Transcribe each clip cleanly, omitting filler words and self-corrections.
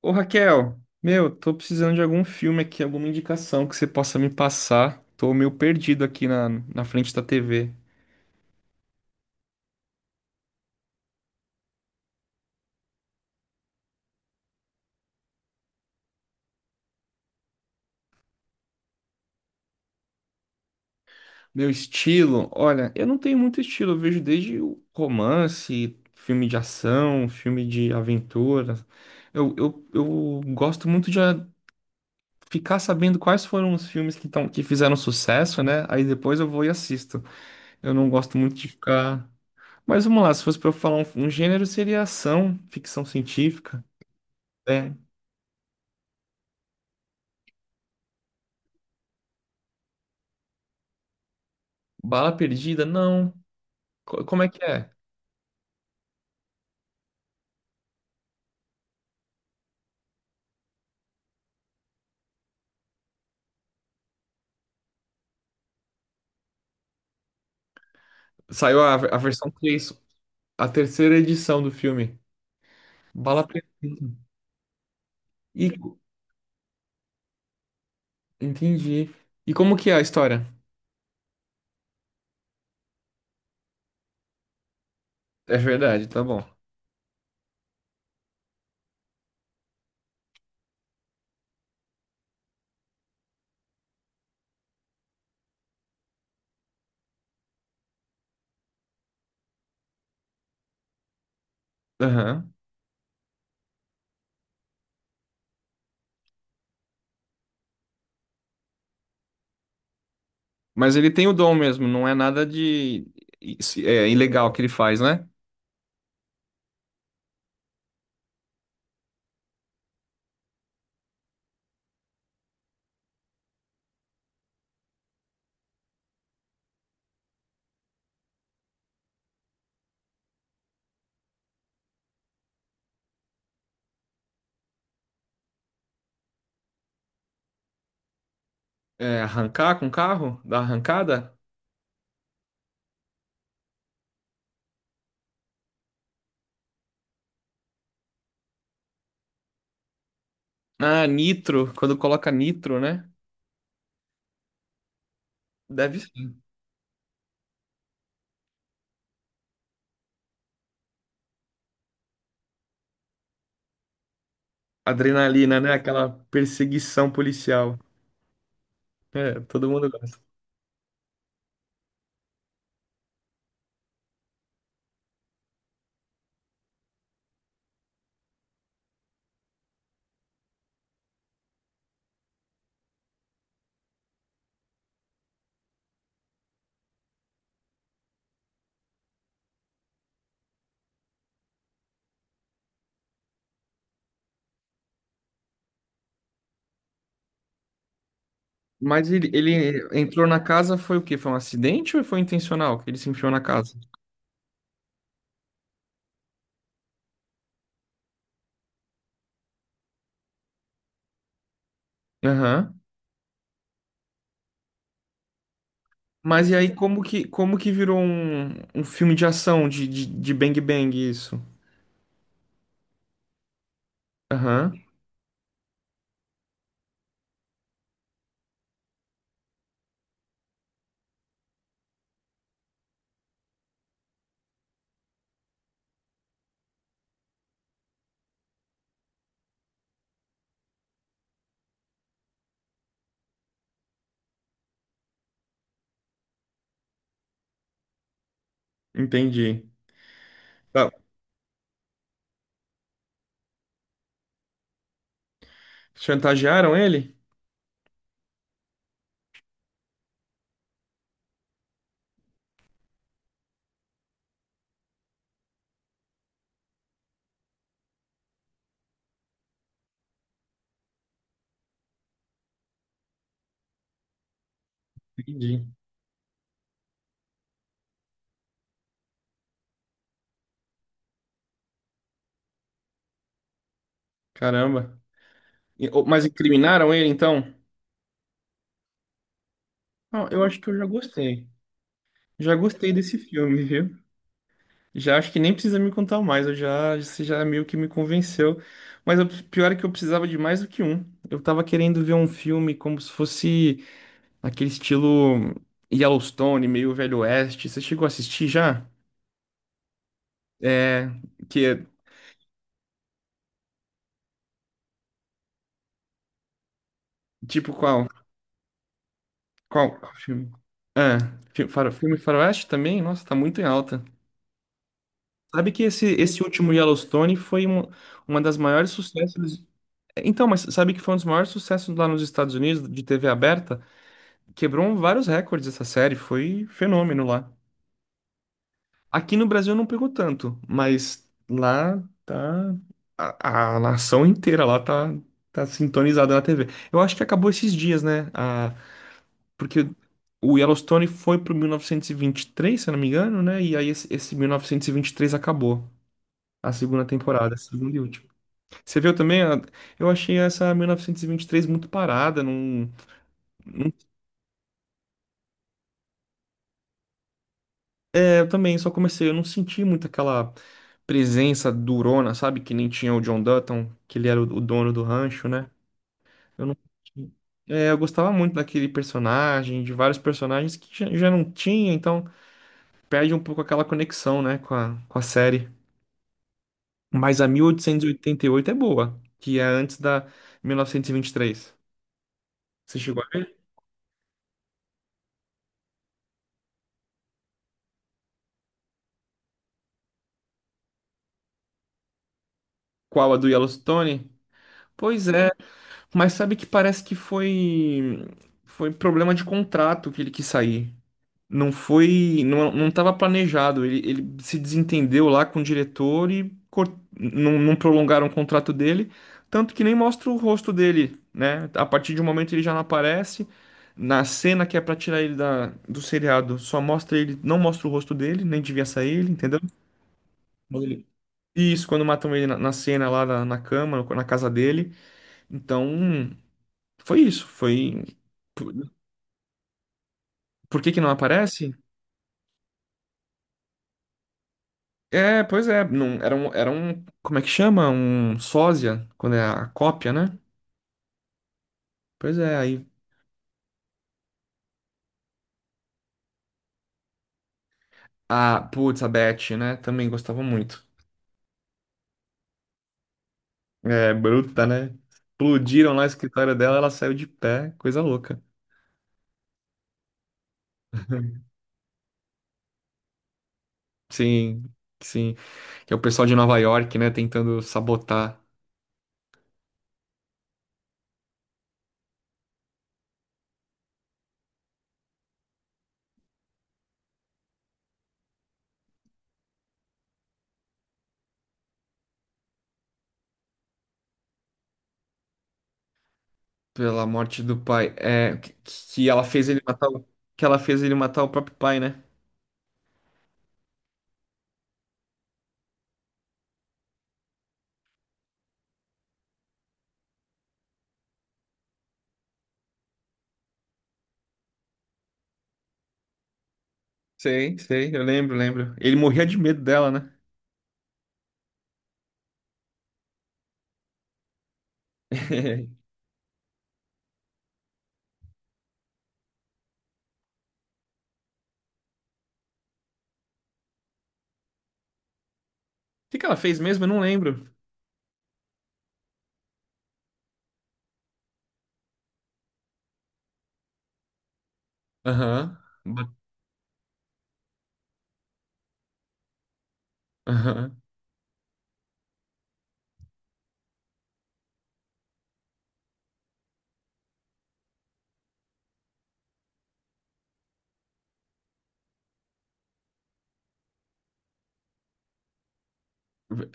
Ô Raquel, meu, tô precisando de algum filme aqui, alguma indicação que você possa me passar. Tô meio perdido aqui na frente da TV. Meu estilo, olha, eu não tenho muito estilo, eu vejo desde o romance, filme de ação, filme de aventura. Eu gosto muito de ficar sabendo quais foram os filmes que fizeram sucesso, né? Aí depois eu vou e assisto. Eu não gosto muito de ficar. Mas vamos lá, se fosse pra eu falar um gênero, seria ação, ficção científica. É. Bala Perdida? Não. Como é que é? Saiu a versão 3, a terceira edição do filme. Bala Perdida. E, entendi. E como que é a história? É verdade, tá bom. Aham. Mas ele tem o dom mesmo, não é nada de ilegal que ele faz, né? É, arrancar com o carro? Dar arrancada? Ah, nitro, quando coloca nitro, né? Deve ser. Adrenalina, né? Aquela perseguição policial. É, todo mundo. Mas ele entrou na casa, foi o quê? Foi um acidente ou foi intencional que ele se enfiou na casa? Aham. Mas e aí, como que virou um filme de ação, de Bang Bang isso? Aham, entendi. Tá. Chantagearam ele? Entendi. Caramba. Mas incriminaram ele, então? Ah, eu acho que eu já gostei. Já gostei desse filme, viu? Já acho que nem precisa me contar mais, eu já, você já meio que me convenceu. Mas o pior é que eu precisava de mais do que um. Eu tava querendo ver um filme como se fosse aquele estilo Yellowstone, meio Velho Oeste. Você chegou a assistir já? É, que é tipo qual? Qual qual filme? Ah, filme Faroeste também? Nossa, tá muito em alta. Sabe que esse último Yellowstone foi uma das maiores sucessos. Então, mas sabe que foi um dos maiores sucessos lá nos Estados Unidos de TV aberta? Quebrou vários recordes essa série, foi fenômeno lá. Aqui no Brasil não pegou tanto, mas lá tá. A nação inteira lá tá, tá sintonizada na TV. Eu acho que acabou esses dias, né? A, porque o Yellowstone foi pro 1923, se eu não me engano, né? E aí esse 1923 acabou. A segunda temporada, a segunda e última. Você viu também? Eu achei essa 1923 muito parada, não. Eu também só comecei, eu não senti muito aquela presença durona, sabe? Que nem tinha o John Dutton, que ele era o dono do rancho, né? Eu não. É, eu gostava muito daquele personagem, de vários personagens que já, já não tinha, então perde um pouco aquela conexão, né, com com a série. Mas a 1888 é boa, que é antes da 1923. Você chegou a ver? Qual a do Yellowstone? Pois é, mas sabe que parece que foi problema de contrato que ele quis sair. Não foi, não, não estava planejado. Ele se desentendeu lá com o diretor e não, não prolongaram o contrato dele, tanto que nem mostra o rosto dele, né? A partir de um momento ele já não aparece. Na cena que é pra tirar ele do seriado, só mostra ele, não mostra o rosto dele, nem devia sair ele, entendeu? Quando ele- isso, quando matam ele na cena lá na cama, na casa dele. Então, foi isso. Foi. Por, por que que não aparece? É, pois é, não, era era um, como é que chama? Um sósia, quando é a cópia, né? Pois é, aí, a, putz, a Beth, né? Também gostava muito. É, bruta, né? Explodiram lá o escritório dela, ela saiu de pé, coisa louca. Sim, sim. Que é o pessoal de Nova York, né, tentando sabotar. Pela morte do pai. É, que ela fez ele matar que ela fez ele matar o próprio pai, né? Sei, sei, eu lembro, lembro. Ele morria de medo dela, né? O que que ela fez mesmo? Eu não lembro. Aham. Ba- Aham. Ve-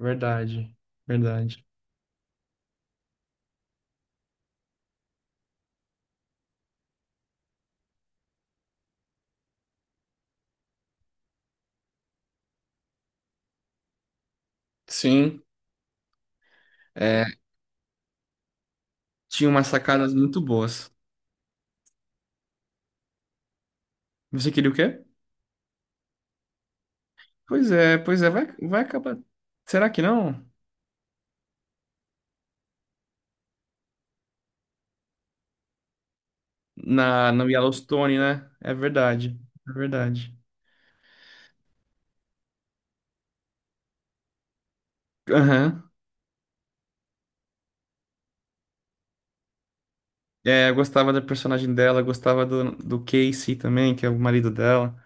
Verdade, verdade. Sim, é, tinha umas sacadas muito boas. Você queria o quê? Pois é, vai, vai acabar. Será que não? Na, no Yellowstone, né? É verdade, é verdade. Aham. É, eu gostava da personagem dela, gostava do Casey também, que é o marido dela.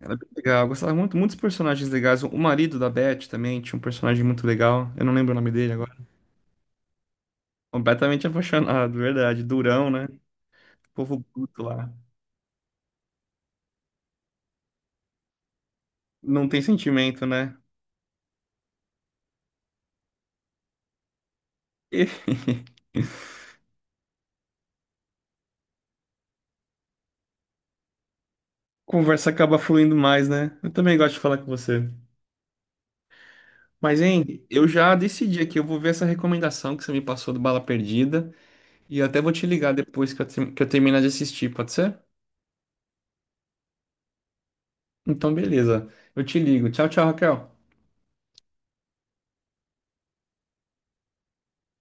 Era bem legal. Eu gostava muito, muitos personagens legais. O marido da Beth também tinha um personagem muito legal. Eu não lembro o nome dele agora. Completamente apaixonado, verdade. Durão, né? Povo bruto lá. Não tem sentimento, né? E conversa acaba fluindo mais, né? Eu também gosto de falar com você. Mas, hein, eu já decidi aqui. Eu vou ver essa recomendação que você me passou do Bala Perdida. E eu até vou te ligar depois que que eu terminar de assistir, pode ser? Então, beleza. Eu te ligo. Tchau, tchau, Raquel.